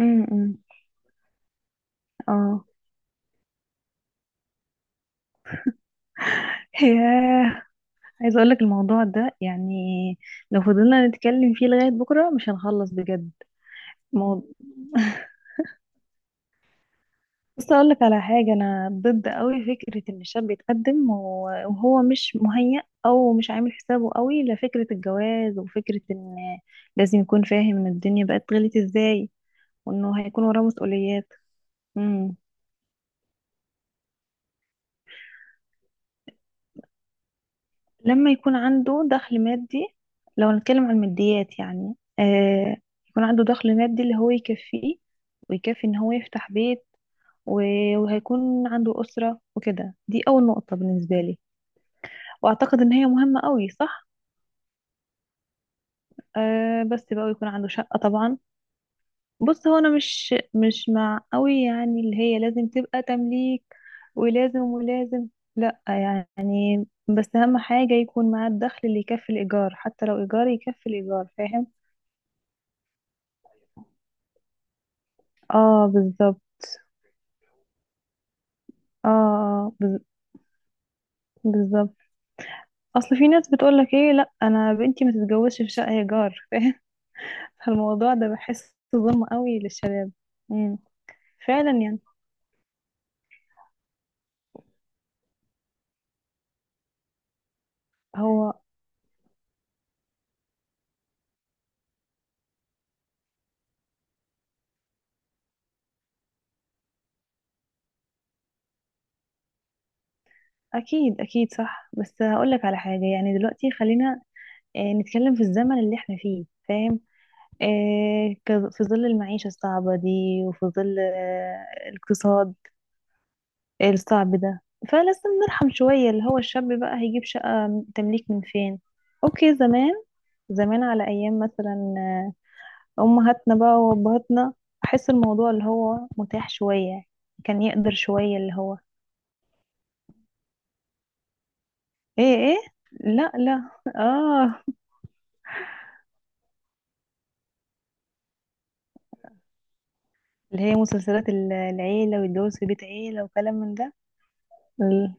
امم. اه. ياه. عايزه اقول لك الموضوع ده، يعني لو فضلنا نتكلم فيه لغايه بكره مش هنخلص بجد. مو... بس اقول لك على حاجه، انا ضد قوي فكره ان الشاب يتقدم و- وهو مش مهيأ او مش عامل حسابه قوي لفكره الجواز، وفكره ان لازم يكون فاهم ان الدنيا بقت غلت ازاي، وانه هيكون وراه مسؤوليات. امم. لما يكون عنده دخل مادي، لو نتكلم عن الماديات يعني يكون عنده دخل مادي اللي هو يكفيه، ويكفي ان هو يفتح بيت. و- وهيكون عنده أسرة وكده، دي أول نقطة بالنسبة لي، وأعتقد ان هي مهمة قوي، صح؟ بس بقى يكون عنده شقة طبعا. بص، هو انا مش مع قوي يعني اللي هي لازم تبقى تمليك، ولازم ولازم. لا يعني، بس أهم حاجة يكون معاه الدخل اللي يكفي الإيجار، حتى لو إيجار يكفي الإيجار، فاهم؟ اه، بالظبط. اه، بالظبط. اصل في ناس بتقولك: ايه، لا انا بنتي ما تتجوزش في شقه ايجار، فاهم؟ فالموضوع ده بحسه ظلم قوي للشباب. امم. فعلا يعني. هو، اكيد اكيد صح، بس هقولك على حاجه، يعني دلوقتي خلينا نتكلم في الزمن اللي احنا فيه، فاهم؟ في ظل المعيشه الصعبه دي، وفي ظل الاقتصاد الصعب ده. فلازم نرحم شويه، اللي هو الشاب بقى هيجيب شقه تمليك من فين؟ اوكي، زمان، زمان على أيام مثلا أمهاتنا بقى وأبهاتنا، أحس الموضوع اللي هو متاح شوية، كان يقدر شوية اللي هو. إيه إيه. لا لا. آه. اللي هي مسلسلات العيلة والجواز في بيت عيلة وكلام من ده. ال-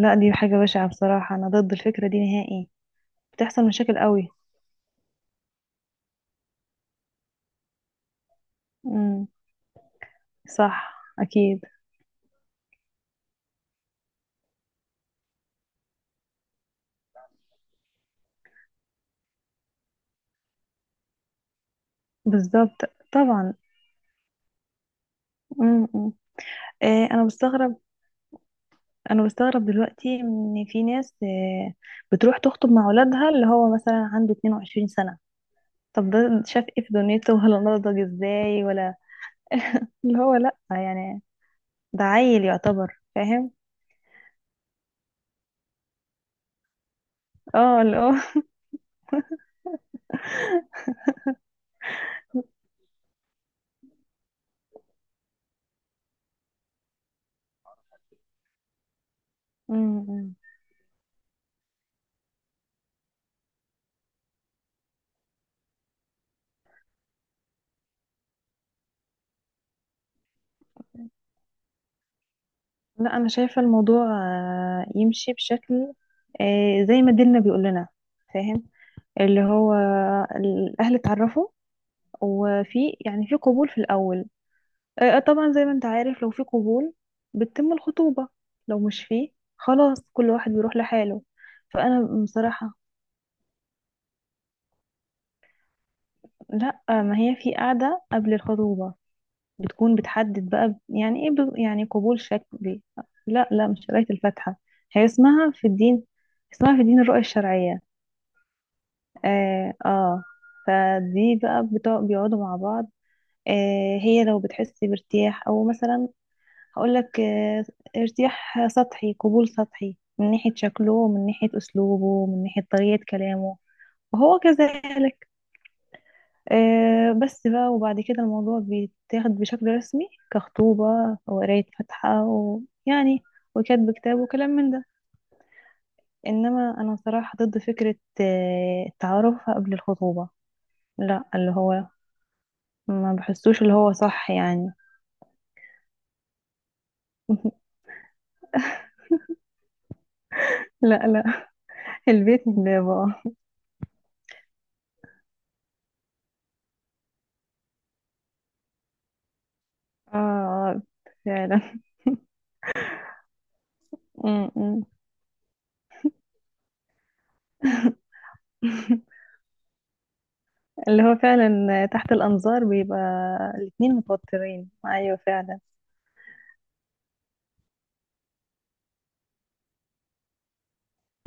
لا، دي حاجة بشعة بصراحة، أنا ضد الفكرة دي نهائي. بتحصل مشاكل قوي. امم. صح، أكيد. بالظبط، طبعا. امم. أنا بستغرب، انا بستغرب دلوقتي ان في ناس بتروح تخطب مع ولادها اللي هو مثلا عنده 22 سنة، طب ده شاف ايه في دنيته، ولا نضج ازاي، ولا اللي هو، لا يعني، ده عيل يعتبر، فاهم؟ اه، اللي هو أمم. لا، انا شايفة الموضوع يمشي بشكل زي ما ديننا بيقول لنا، فاهم؟ اللي هو الاهل اتعرفوا، وفي يعني في قبول في الاول، طبعا زي ما انت عارف، لو في قبول بتتم الخطوبة، لو مش فيه خلاص كل واحد بيروح لحاله. فأنا بصراحة، لا، ما هي في قاعدة قبل الخطوبة، بتكون بتحدد بقى يعني ايه، يعني قبول شكلي. لا لا، مش قراية الفاتحة. هي اسمها في الدين، اسمها في دين الرؤية الشرعية. اه، آه. فدي بقى بيقعدوا مع بعض. آه، هي لو بتحس بارتياح او مثلا، هقولك ارتياح سطحي، قبول سطحي، من ناحية شكله ومن ناحية أسلوبه ومن ناحية طريقة كلامه، وهو كذلك. بس بقى، وبعد كده الموضوع بيتاخد بشكل رسمي كخطوبة، وقراية فاتحة، ويعني وكتب كتاب وكلام من ده. إنما أنا صراحة ضد فكرة التعارف قبل الخطوبة. لا، اللي هو ما بحسوش اللي هو صح يعني. لا لا، البيت ده بقى. اه، فعلا. م- م. اللي هو فعلا، تحت الأنظار بيبقى الاتنين متوترين، أيوة فعلا.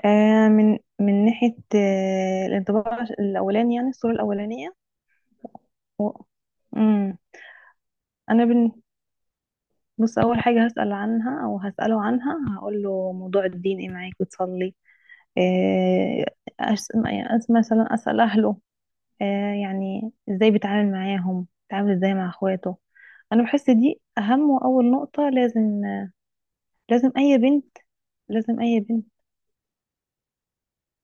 من من ناحية الانطباع الأولاني، يعني الصورة الأولانية و... مم. أنا بن... بص، أول حاجة هسأل عنها أو هسأله عنها، هقول له: موضوع الدين إيه معاك، بتصلي؟ آه يعني مثلا أسأل أهله، آه يعني إزاي بيتعامل معاهم، بيتعامل إزاي مع إخواته. أنا بحس دي أهم وأول نقطة، لازم، لازم اي بنت، لازم اي بنت،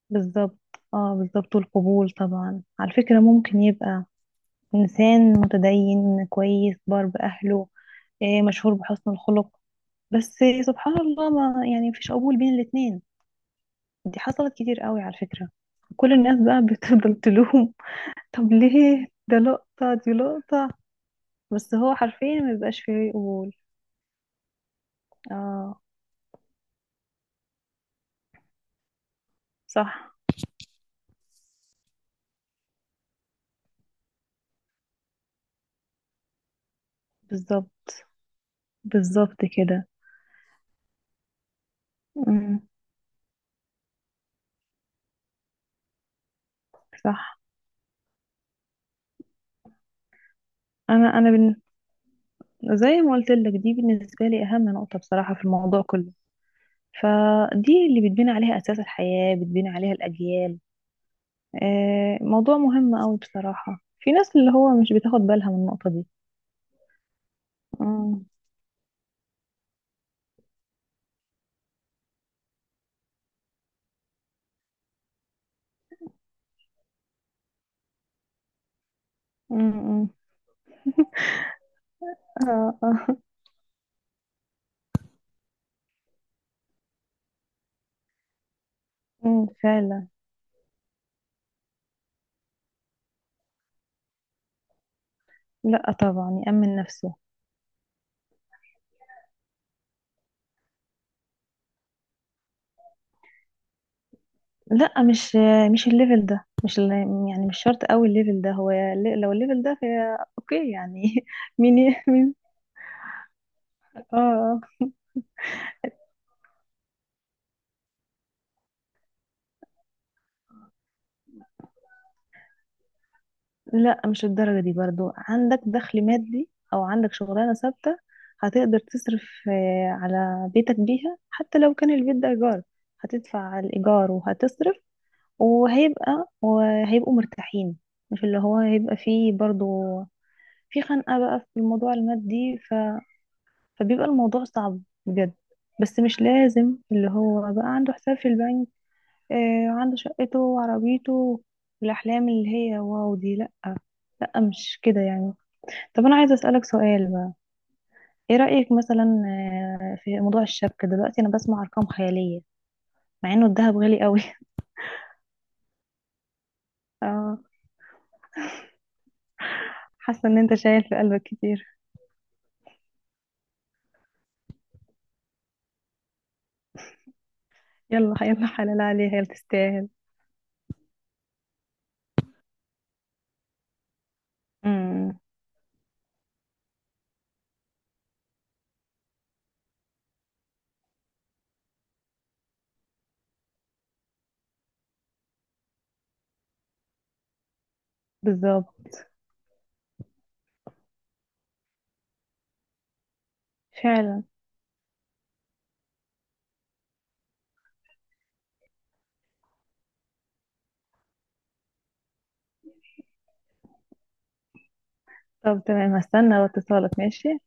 بالظبط. اه، بالظبط، والقبول طبعا على فكرة ممكن يبقى انسان متدين كويس بار باهله، مشهور بحسن الخلق، بس سبحان الله، ما يعني مفيش قبول بين الاتنين. دي حصلت كتير قوي على فكرة، كل الناس بقى بتفضل تلوم. طب ليه ده لقطة، دي لقطة. بس هو حرفيا ما بيبقاش فيه قبول. اه صح. بالظبط، بالظبط كده. أمم، صح. انا زي ما قلت لك، دي بالنسبة لي أهم نقطة بصراحة في الموضوع كله. فدي اللي بتبني عليها أساس الحياة، بتبني عليها الأجيال. موضوع مهم أوي بصراحة، في ناس اللي هو مش بتاخد بالها من النقطة دي. مم. مم. آه، آه. مم، فعلا. لا طبعا يأمن نفسه. لا، مش الليفل ده، مش ال- يعني مش شرط قوي الليفل ده، هو لو الليفل ده فهي اوكي يعني. مين مين؟ اه، آه. لا، مش الدرجة دي برضو. عندك دخل مادي أو عندك شغلانة ثابتة، هتقدر تصرف على بيتك بيها، حتى لو كان البيت ده إيجار، هتدفع الإيجار وهتصرف، وهيبقى وهيبقوا مرتاحين. مش اللي هو هيبقى فيه برضو في خنقة بقى في الموضوع المادي، فبيبقى الموضوع صعب بجد. بس مش لازم اللي هو بقى عنده حساب في البنك آه، وعنده شقته وعربيته، والأحلام اللي هي واو دي، لا، لا مش كده يعني. طب انا عايزه اسالك سؤال بقى، ايه رايك مثلا في موضوع الشبكه؟ دلوقتي انا بسمع ارقام خياليه، مع انه الذهب غالي قوي. اه، حاسه ان انت شايل في قلبك كتير. يلا يلا حلال عليها، يلا تستاهل. امم، بالظبط، فعلا. طب تمام، هستنى اتصالك ماشي.